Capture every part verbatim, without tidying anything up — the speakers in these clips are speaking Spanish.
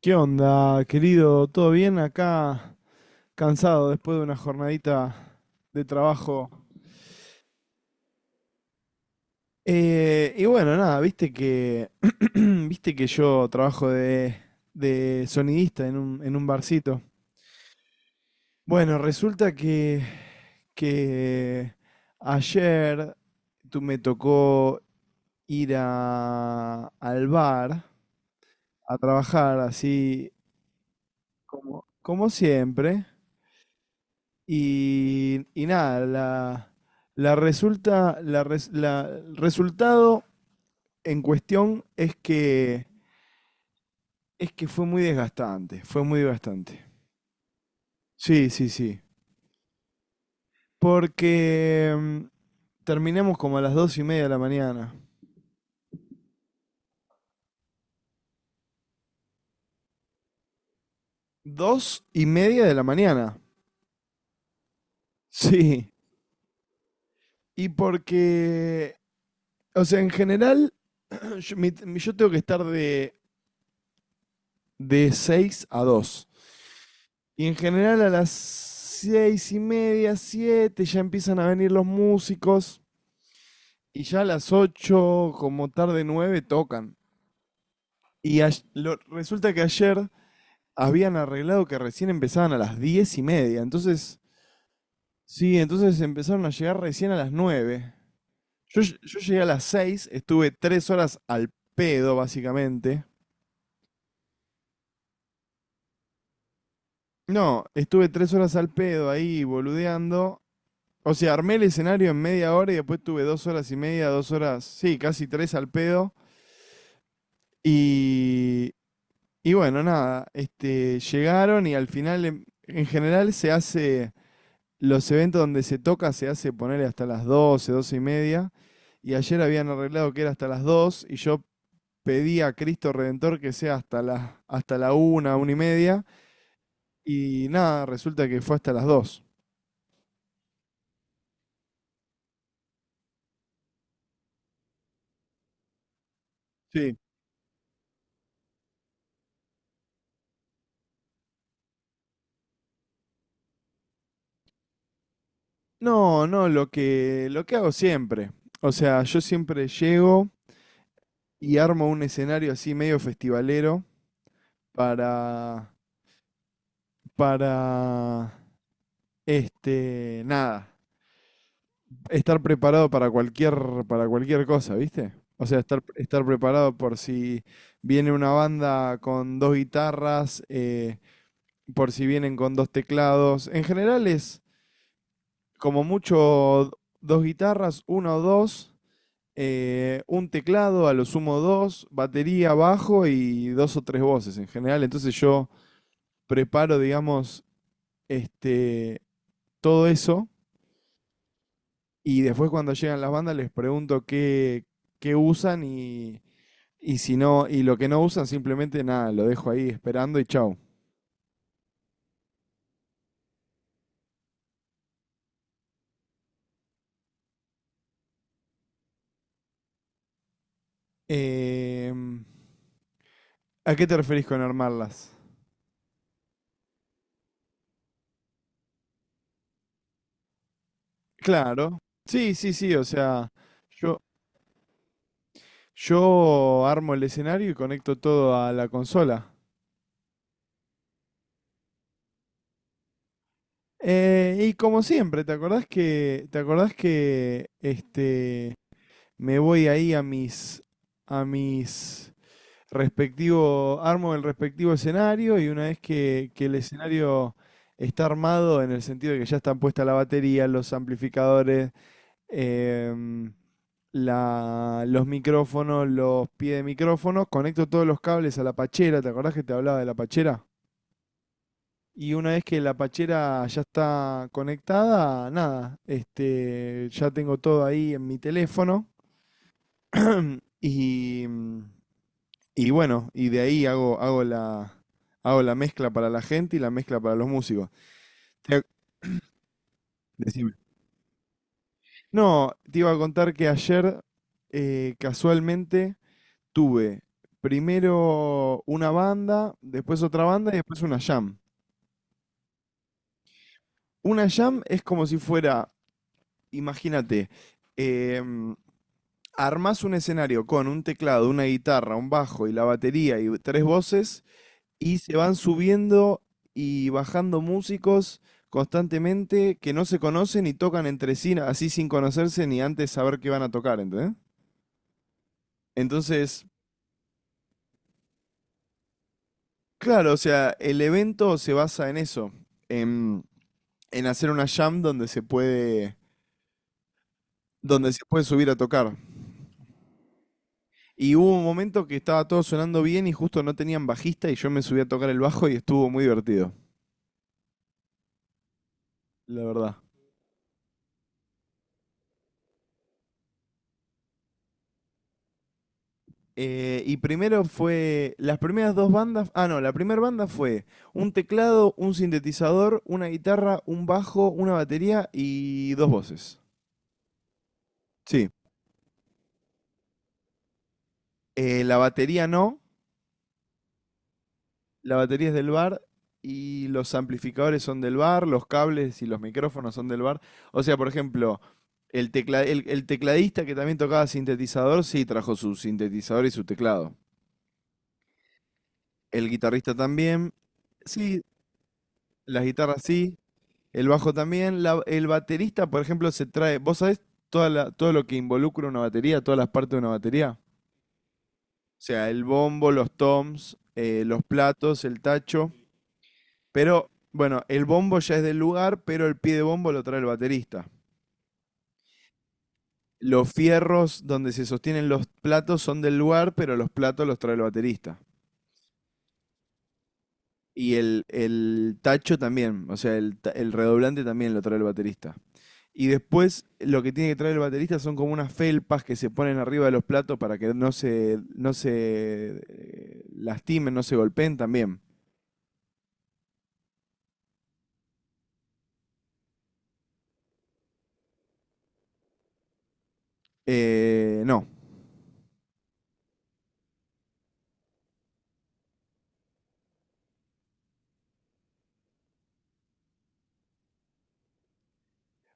¿Qué onda, querido? ¿Todo bien? Acá cansado después de una jornadita de trabajo. Eh, y bueno, nada, viste que viste que yo trabajo de, de sonidista en un, en un barcito. Bueno, resulta que, que ayer tú me tocó ir a- al bar a trabajar así como, como siempre. Y, y nada, la, la resulta, la res- la- el resultado en cuestión es que, es que fue muy desgastante, fue muy desgastante. Sí, sí, sí. Porque mm, terminamos como a las dos y media de la mañana. Dos y media de la mañana. Sí. Y porque, o sea, en general, yo, mi- mi- yo tengo que estar de, de seis a dos. Y en general a las seis y media, siete, ya empiezan a venir los músicos. Y ya a las ocho, como tarde nueve, tocan. Y ay- lo- resulta que ayer habían arreglado que recién empezaban a las diez y media. Entonces, sí, entonces empezaron a llegar recién a las nueve. Yo, ll- yo llegué a las seis, estuve tres horas al pedo, básicamente. No, estuve tres horas al pedo ahí boludeando. O sea, armé el escenario en media hora y después tuve dos horas y media, dos horas, sí, casi tres al pedo. Y, y bueno, nada, este, llegaron y al final, em, en general se hace, los eventos donde se toca se hace ponerle hasta las doce doce y media. Y ayer habían arreglado que era hasta las dos y yo pedí a Cristo Redentor que sea hasta la, hasta la una una y media. Y nada, resulta que fue hasta las dos. Sí. No, no, lo que, lo que hago siempre. O sea, yo siempre llego y armo un escenario así medio festivalero, para, para, este, nada, estar preparado para cualquier, para cualquier cosa, ¿viste? O sea, estar, estar preparado por si viene una banda con dos guitarras, eh, por si vienen con dos teclados. En general es como mucho dos guitarras, uno o dos, eh, un teclado, a lo sumo dos, batería, bajo y dos o tres voces en general. Entonces yo preparo, digamos, este, todo eso, y después cuando llegan las bandas les pregunto qué, qué usan y, y si no, y lo que no usan simplemente nada, lo dejo ahí esperando y chau. Em, ¿a qué te referís con armarlas? Claro. Sí, sí, sí, o sea, yo, yo armo el escenario y conecto todo a la consola. Eh, y como siempre, ¿te acordás que, te acordás que este, me voy ahí a mis, a mis respectivo, armo el respectivo escenario, y una vez que, que el escenario está armado en el sentido de que ya están puesta la batería, los amplificadores, em, la, los micrófonos, los pies de micrófono, conecto todos los cables a la pachera, ¿te acordás que te hablaba de la pachera? Y una vez que la pachera ya está conectada, nada, este, ya tengo todo ahí en mi teléfono y, mm, y bueno, y de ahí hago, hago la, hago la mezcla para la gente y la mezcla para los músicos. Te- Decime. No, te iba a contar que ayer, eh, casualmente tuve primero una banda, después otra banda y después una jam. Una jam es como si fuera, imagínate, em, armas un escenario con un teclado, una guitarra, un bajo y la batería y tres voces, y se van subiendo y bajando músicos constantemente que no se conocen y tocan entre sí así sin conocerse ni antes saber qué van a tocar, ¿entendés? Entonces, claro, o sea, el evento se basa en eso, en, en hacer una jam donde se puede, donde se puede subir a tocar. Y hubo un momento que estaba todo sonando bien y justo no tenían bajista y yo me subí a tocar el bajo y estuvo muy divertido, la verdad. Eh, y primero fue, las primeras dos bandas, ah no, la primera banda fue un teclado, un sintetizador, una guitarra, un bajo, una batería y dos voces. Sí. Eh, la batería no, la batería es del bar y los amplificadores son del bar, los cables y los micrófonos son del bar. O sea, por ejemplo, el, tecla- el- el tecladista que también tocaba sintetizador, sí, trajo su sintetizador y su teclado. El guitarrista también, sí, las guitarras sí, el bajo también, la- el baterista, por ejemplo, se trae, ¿vos sabés toda la- todo lo que involucra una batería, todas las partes de una batería? O sea, el bombo, los toms, eh, los platos, el tacho. Pero, bueno, el bombo ya es del lugar, pero el pie de bombo lo trae el baterista. Los fierros donde se sostienen los platos son del lugar, pero los platos los trae el baterista. Y el, el tacho también, o sea, el, ta- el redoblante también lo trae el baterista. Y después lo que tiene que traer el baterista son como unas felpas que se ponen arriba de los platos para que no se, no se, eh, lastimen, no se golpeen también. Eh, no.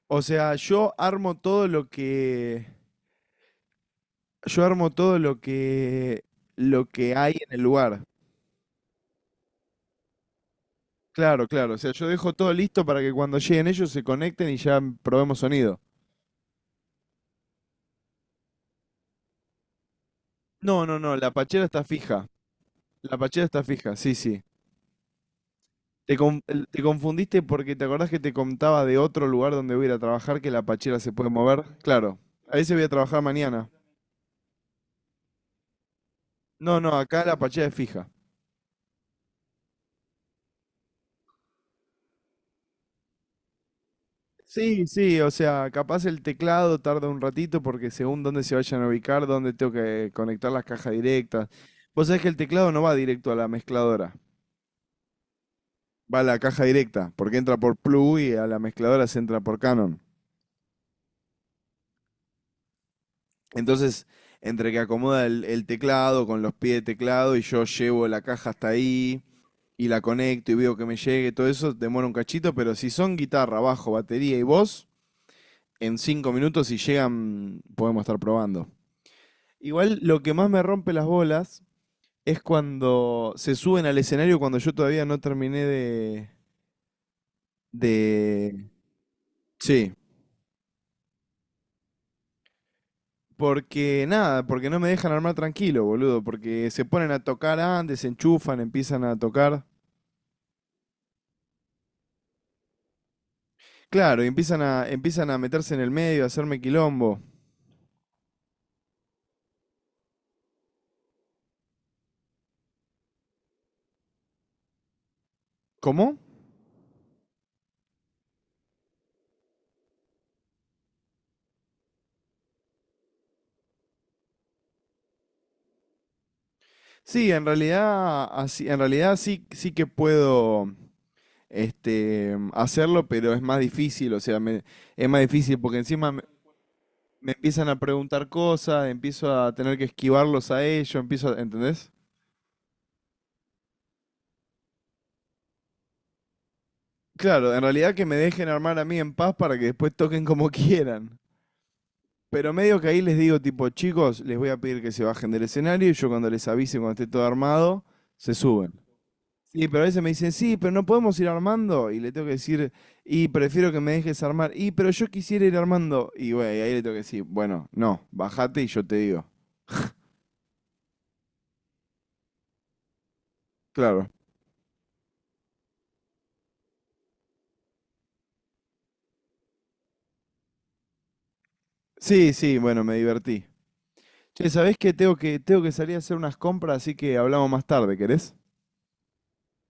O sea, yo armo todo lo que. Yo armo todo lo que. Lo que hay en el lugar. Claro, claro. O sea, yo dejo todo listo para que cuando lleguen ellos se conecten y ya probemos sonido. No, no, no, la pachera está fija. La pachera está fija, sí, sí. Te, con- el- te confundiste porque te acordás que te contaba de otro lugar donde voy a ir a trabajar que la pachera se puede mover. Claro, a ese voy a trabajar mañana. No, no, acá la pachera es fija. Sí, sí, o sea, capaz el teclado tarda un ratito porque según dónde se vayan a ubicar, dónde tengo que conectar las cajas directas. Vos sabés que el teclado no va directo a la mezcladora, va a la caja directa, porque entra por plug y a la mezcladora se entra por Canon. Entonces, entre que acomoda el, el teclado con los pies de teclado y yo llevo la caja hasta ahí y la conecto y veo que me llegue, todo eso demora un cachito, pero si son guitarra, bajo, batería y voz, en cinco minutos si llegan podemos estar probando. Igual lo que más me rompe las bolas es cuando se suben al escenario cuando yo todavía no terminé de... de... Sí. Porque nada, porque no me dejan armar tranquilo, boludo, porque se ponen a tocar antes, se enchufan, empiezan a tocar. Claro, y empiezan a, empiezan a meterse en el medio, a hacerme quilombo. ¿Cómo? Sí, en realidad, así, en realidad sí, sí que puedo, este, hacerlo, pero es más difícil, o sea, me- es más difícil porque encima me, me empiezan a preguntar cosas, empiezo a tener que esquivarlos a ellos, empiezo a, ¿entendés? Claro, en realidad que me dejen armar a mí en paz para que después toquen como quieran. Pero medio que ahí les digo, tipo, chicos, les voy a pedir que se bajen del escenario y yo cuando les avise, cuando esté todo armado, se suben. Sí, pero a veces me dicen, sí, pero no podemos ir armando. Y le tengo que decir, y prefiero que me dejes armar. Y, pero yo quisiera ir armando. Y bueno, ahí le tengo que decir, bueno, no, bajate y yo te digo. Claro. Sí, sí, bueno, me divertí. Che, ¿sabés qué? Tengo que, tengo que salir a hacer unas compras, así que hablamos más tarde, ¿querés?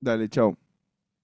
Dale, chau.